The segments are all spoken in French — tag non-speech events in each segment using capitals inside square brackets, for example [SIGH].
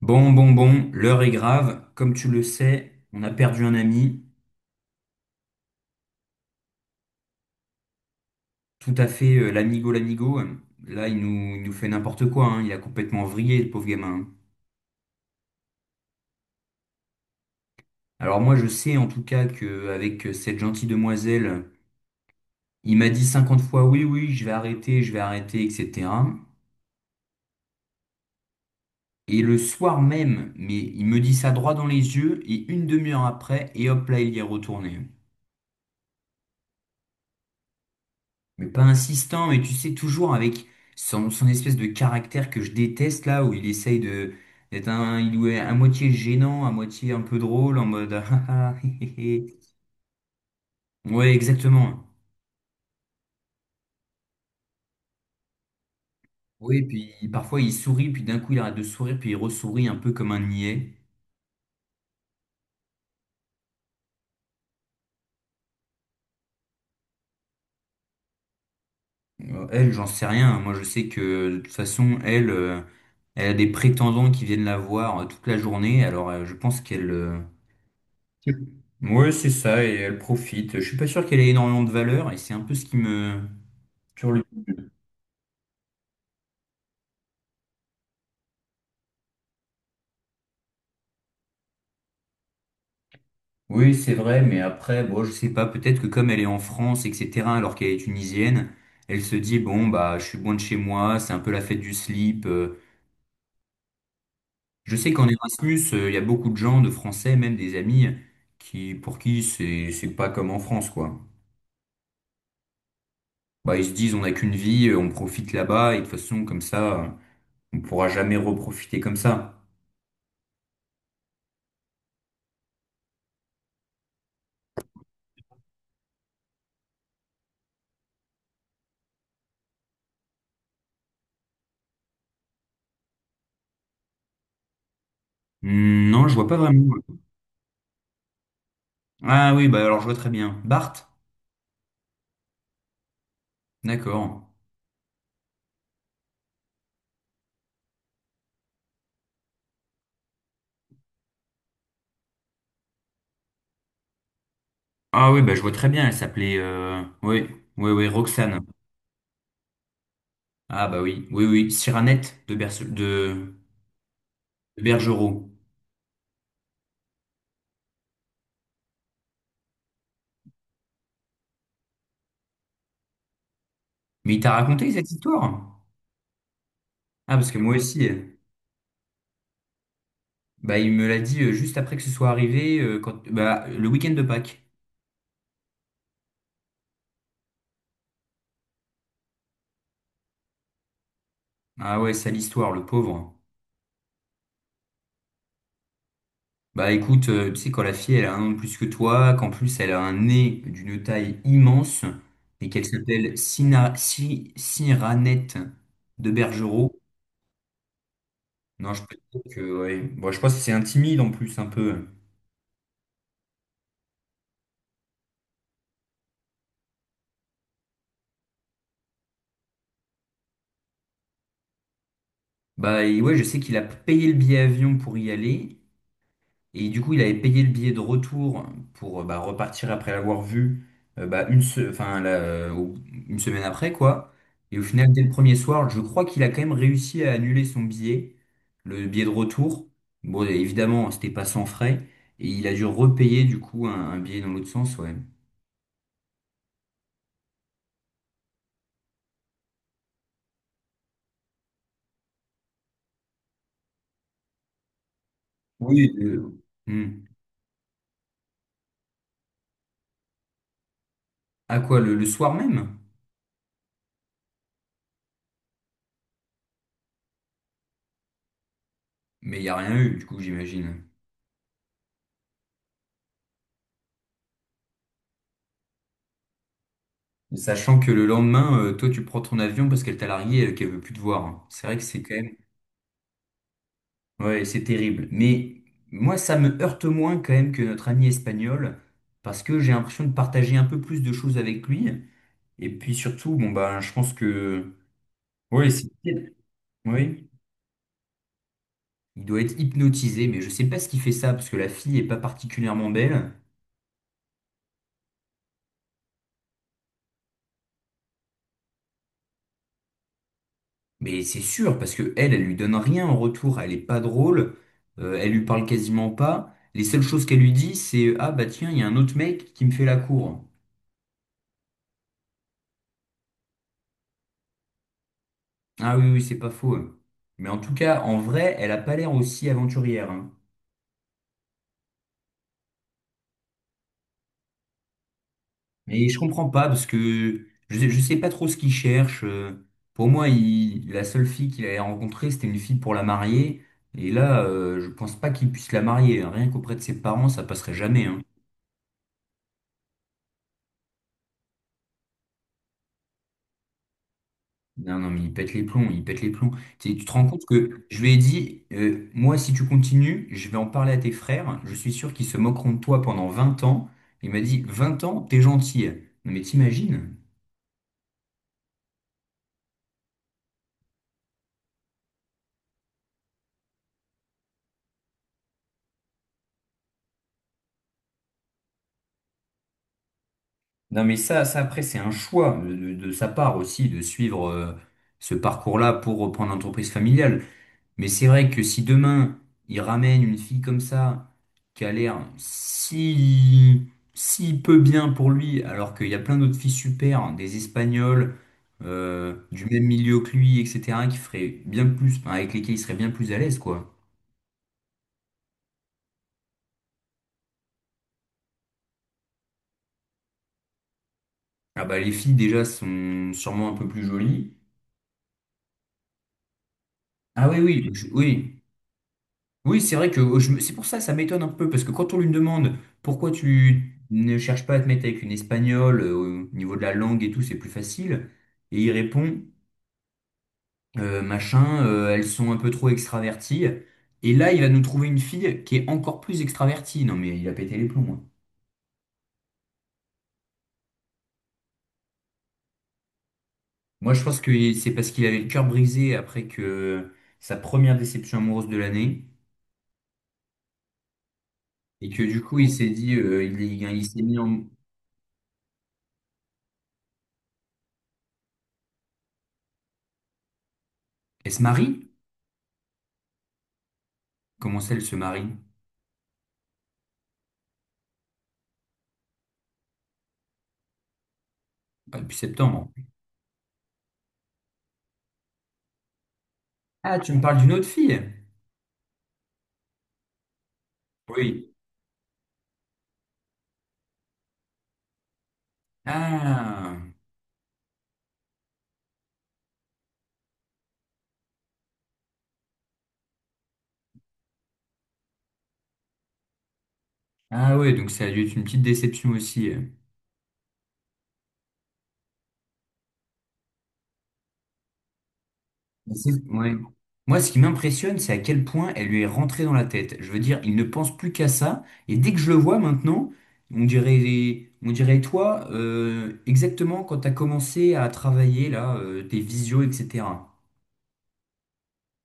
Bon, bon, bon, l'heure est grave. Comme tu le sais, on a perdu un ami, tout à fait, l'amigo, l'amigo. Là, il nous fait n'importe quoi, hein. Il a complètement vrillé, le pauvre gamin. Alors moi, je sais en tout cas que avec cette gentille demoiselle, il m'a dit 50 fois oui, oui, je vais arrêter, etc. Et le soir même, mais il me dit ça droit dans les yeux, et une demi-heure après, et hop là, il y est retourné. Mais pas insistant, mais tu sais, toujours avec son espèce de caractère que je déteste là, où il essaye de d'être il ou elle à moitié gênant, à moitié un peu drôle, en mode [LAUGHS] ah, ah, hé, hé, hé. Ouais, exactement. Oui, puis parfois il sourit, puis d'un coup il arrête de sourire, puis il ressourit un peu comme un niais. Elle, j'en sais rien, hein. Moi, je sais que de toute façon, elle a des prétendants qui viennent la voir toute la journée. Alors, je pense qu'elle, ouais, c'est ça, et elle profite. Je suis pas sûr qu'elle ait énormément de valeur, et c'est un peu ce qui me, sur le- Oui, c'est vrai, mais après, bon, je sais pas, peut-être que comme elle est en France, etc., alors qu'elle est tunisienne, elle se dit, bon, bah, je suis loin de chez moi, c'est un peu la fête du slip. Je sais qu'en Erasmus, il y a beaucoup de gens, de Français, même des amis, qui, pour qui c'est pas comme en France, quoi. Bah, ils se disent, on n'a qu'une vie, on profite là-bas, et de toute façon, comme ça, on pourra jamais reprofiter comme ça. Hmm. Non, je vois pas vraiment. Ah oui, bah, alors je vois très bien. Bart? D'accord. Ah oui, bah, je vois très bien, elle s'appelait... oui, oui, oui, Roxane. Ah bah oui, oui, oui, Cyranette de Bergerot. Mais il t'a raconté cette histoire? Ah, parce que moi aussi, bah, il me l'a dit juste après que ce soit arrivé, quand... bah, le week-end de Pâques. Ah ouais, sale histoire, le pauvre. Bah écoute, tu sais, quand la fille, elle a 1 an de plus que toi, qu'en plus, elle a un nez d'une taille immense, et qu'elle s'appelle Sina... Si- Cyranette de Bergerot, non, je peux dire que, ouais. Bon, je pense que c'est un en plus, un peu. Bah, et ouais, je sais qu'il a payé le billet avion pour y aller. Et du coup, il avait payé le billet de retour pour bah, repartir après l'avoir vu bah, une, se- enfin, là, au- une semaine après, quoi. Et au final, dès le premier soir, je crois qu'il a quand même réussi à annuler son billet, le billet de retour. Bon, et évidemment, c'était pas sans frais. Et il a dû repayer, du coup, un billet dans l'autre sens, ouais. Oui. Hmm. À quoi, le soir même? Mais il n'y a rien eu, du coup, j'imagine. Sachant que le lendemain, toi, tu prends ton avion parce qu'elle t'a largué et qu'elle veut plus te voir. C'est vrai que c'est quand même... Ouais, c'est terrible. Mais moi, ça me heurte moins quand même que notre ami espagnol parce que j'ai l'impression de partager un peu plus de choses avec lui. Et puis surtout, bon, bah, je pense que... Ouais, c'est... Oui, il doit être hypnotisé, mais je sais pas ce qui fait ça parce que la fille est pas particulièrement belle. Mais c'est sûr, parce que elle, elle lui donne rien en retour, elle est pas drôle, elle lui parle quasiment pas. Les seules choses qu'elle lui dit, c'est ah bah tiens, il y a un autre mec qui me fait la cour. Ah oui, oui, c'est pas faux, hein. Mais en tout cas, en vrai, elle a pas l'air aussi aventurière, hein. Mais je comprends pas, parce que je sais pas trop ce qu'il cherche. Pour moi, la seule fille qu'il avait rencontrée, c'était une fille pour la marier. Et là, je pense pas qu'il puisse la marier, hein. Rien qu'auprès de ses parents, ça passerait jamais, hein. Non, non, mais il pète les plombs, il pète les plombs. Tu sais, tu te rends compte que je lui ai dit, moi, si tu continues, je vais en parler à tes frères. Je suis sûr qu'ils se moqueront de toi pendant 20 ans. Il m'a dit, 20 ans, t'es gentil. Non, mais t'imagines? Non, mais ça après, c'est un choix de sa part aussi de suivre ce parcours-là pour reprendre l'entreprise familiale. Mais c'est vrai que si demain, il ramène une fille comme ça, qui a l'air si peu bien pour lui, alors qu'il y a plein d'autres filles super, hein, des Espagnols, du même milieu que lui, etc., qui feraient bien plus, enfin, avec lesquels il serait bien plus à l'aise, quoi. Ah bah, les filles, déjà, sont sûrement un peu plus jolies. Ah oui, oui, je- oui. Oui, c'est vrai que oh, je me- c'est pour ça que ça m'étonne un peu, parce que quand on lui demande pourquoi tu ne cherches pas à te mettre avec une espagnole, au niveau de la langue et tout, c'est plus facile, et il répond, machin, elles sont un peu trop extraverties, et là, il va nous trouver une fille qui est encore plus extravertie. Non, mais il a pété les plombs, hein. Moi, je pense que c'est parce qu'il avait le cœur brisé après que sa première déception amoureuse de l'année, et que du coup, il s'est dit, il s'est mis en... Elle se marie? Comment ça, elle se marie? Bah, depuis septembre. Ah, tu me parles d'une autre fille? Oui. Ah, ah ouais, donc ça a dû être une petite déception aussi. Mais c'est- ouais. Moi, ce qui m'impressionne, c'est à quel point elle lui est rentrée dans la tête. Je veux dire, il ne pense plus qu'à ça. Et dès que je le vois maintenant, on dirait toi, exactement quand tu as commencé à travailler là, tes visios, etc.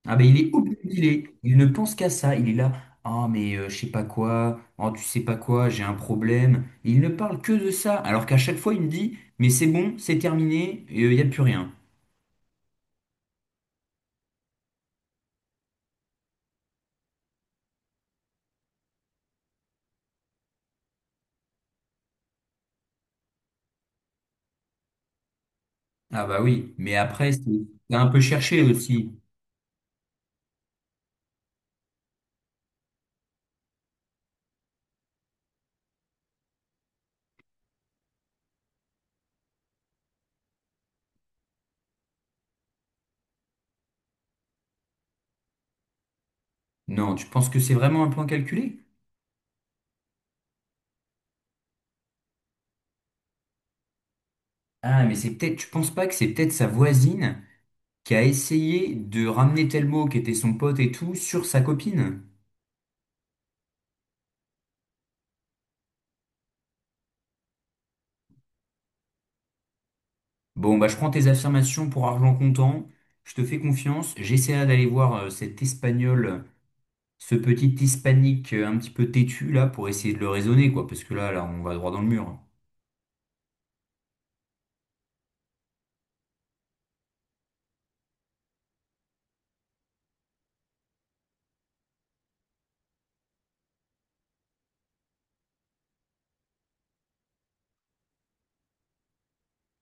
Ah ben il est obnubilé, il ne pense qu'à ça, il est là, ah mais je sais pas quoi, oh tu sais pas quoi, j'ai un problème. Il ne parle que de ça, alors qu'à chaque fois il me dit, mais c'est bon, c'est terminé, il n'y a plus rien. Ah bah oui, mais après c'est t'as un peu cherché aussi. Non, tu penses que c'est vraiment un plan calculé? Ah mais c'est peut-être, tu penses pas que c'est peut-être sa voisine qui a essayé de ramener tel mot qui était son pote et tout sur sa copine? Bon, bah, je prends tes affirmations pour argent comptant. Je te fais confiance. J'essaierai d'aller voir cet Espagnol, ce petit Hispanique un petit peu têtu là, pour essayer de le raisonner, quoi. Parce que là, là, on va droit dans le mur, hein.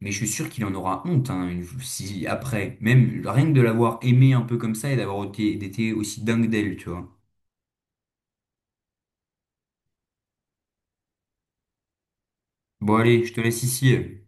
Mais je suis sûr qu'il en aura honte, hein, une- si après, même rien que de l'avoir aimé un peu comme ça et d'avoir été aussi dingue d'elle, tu vois. Bon, allez, je te laisse ici.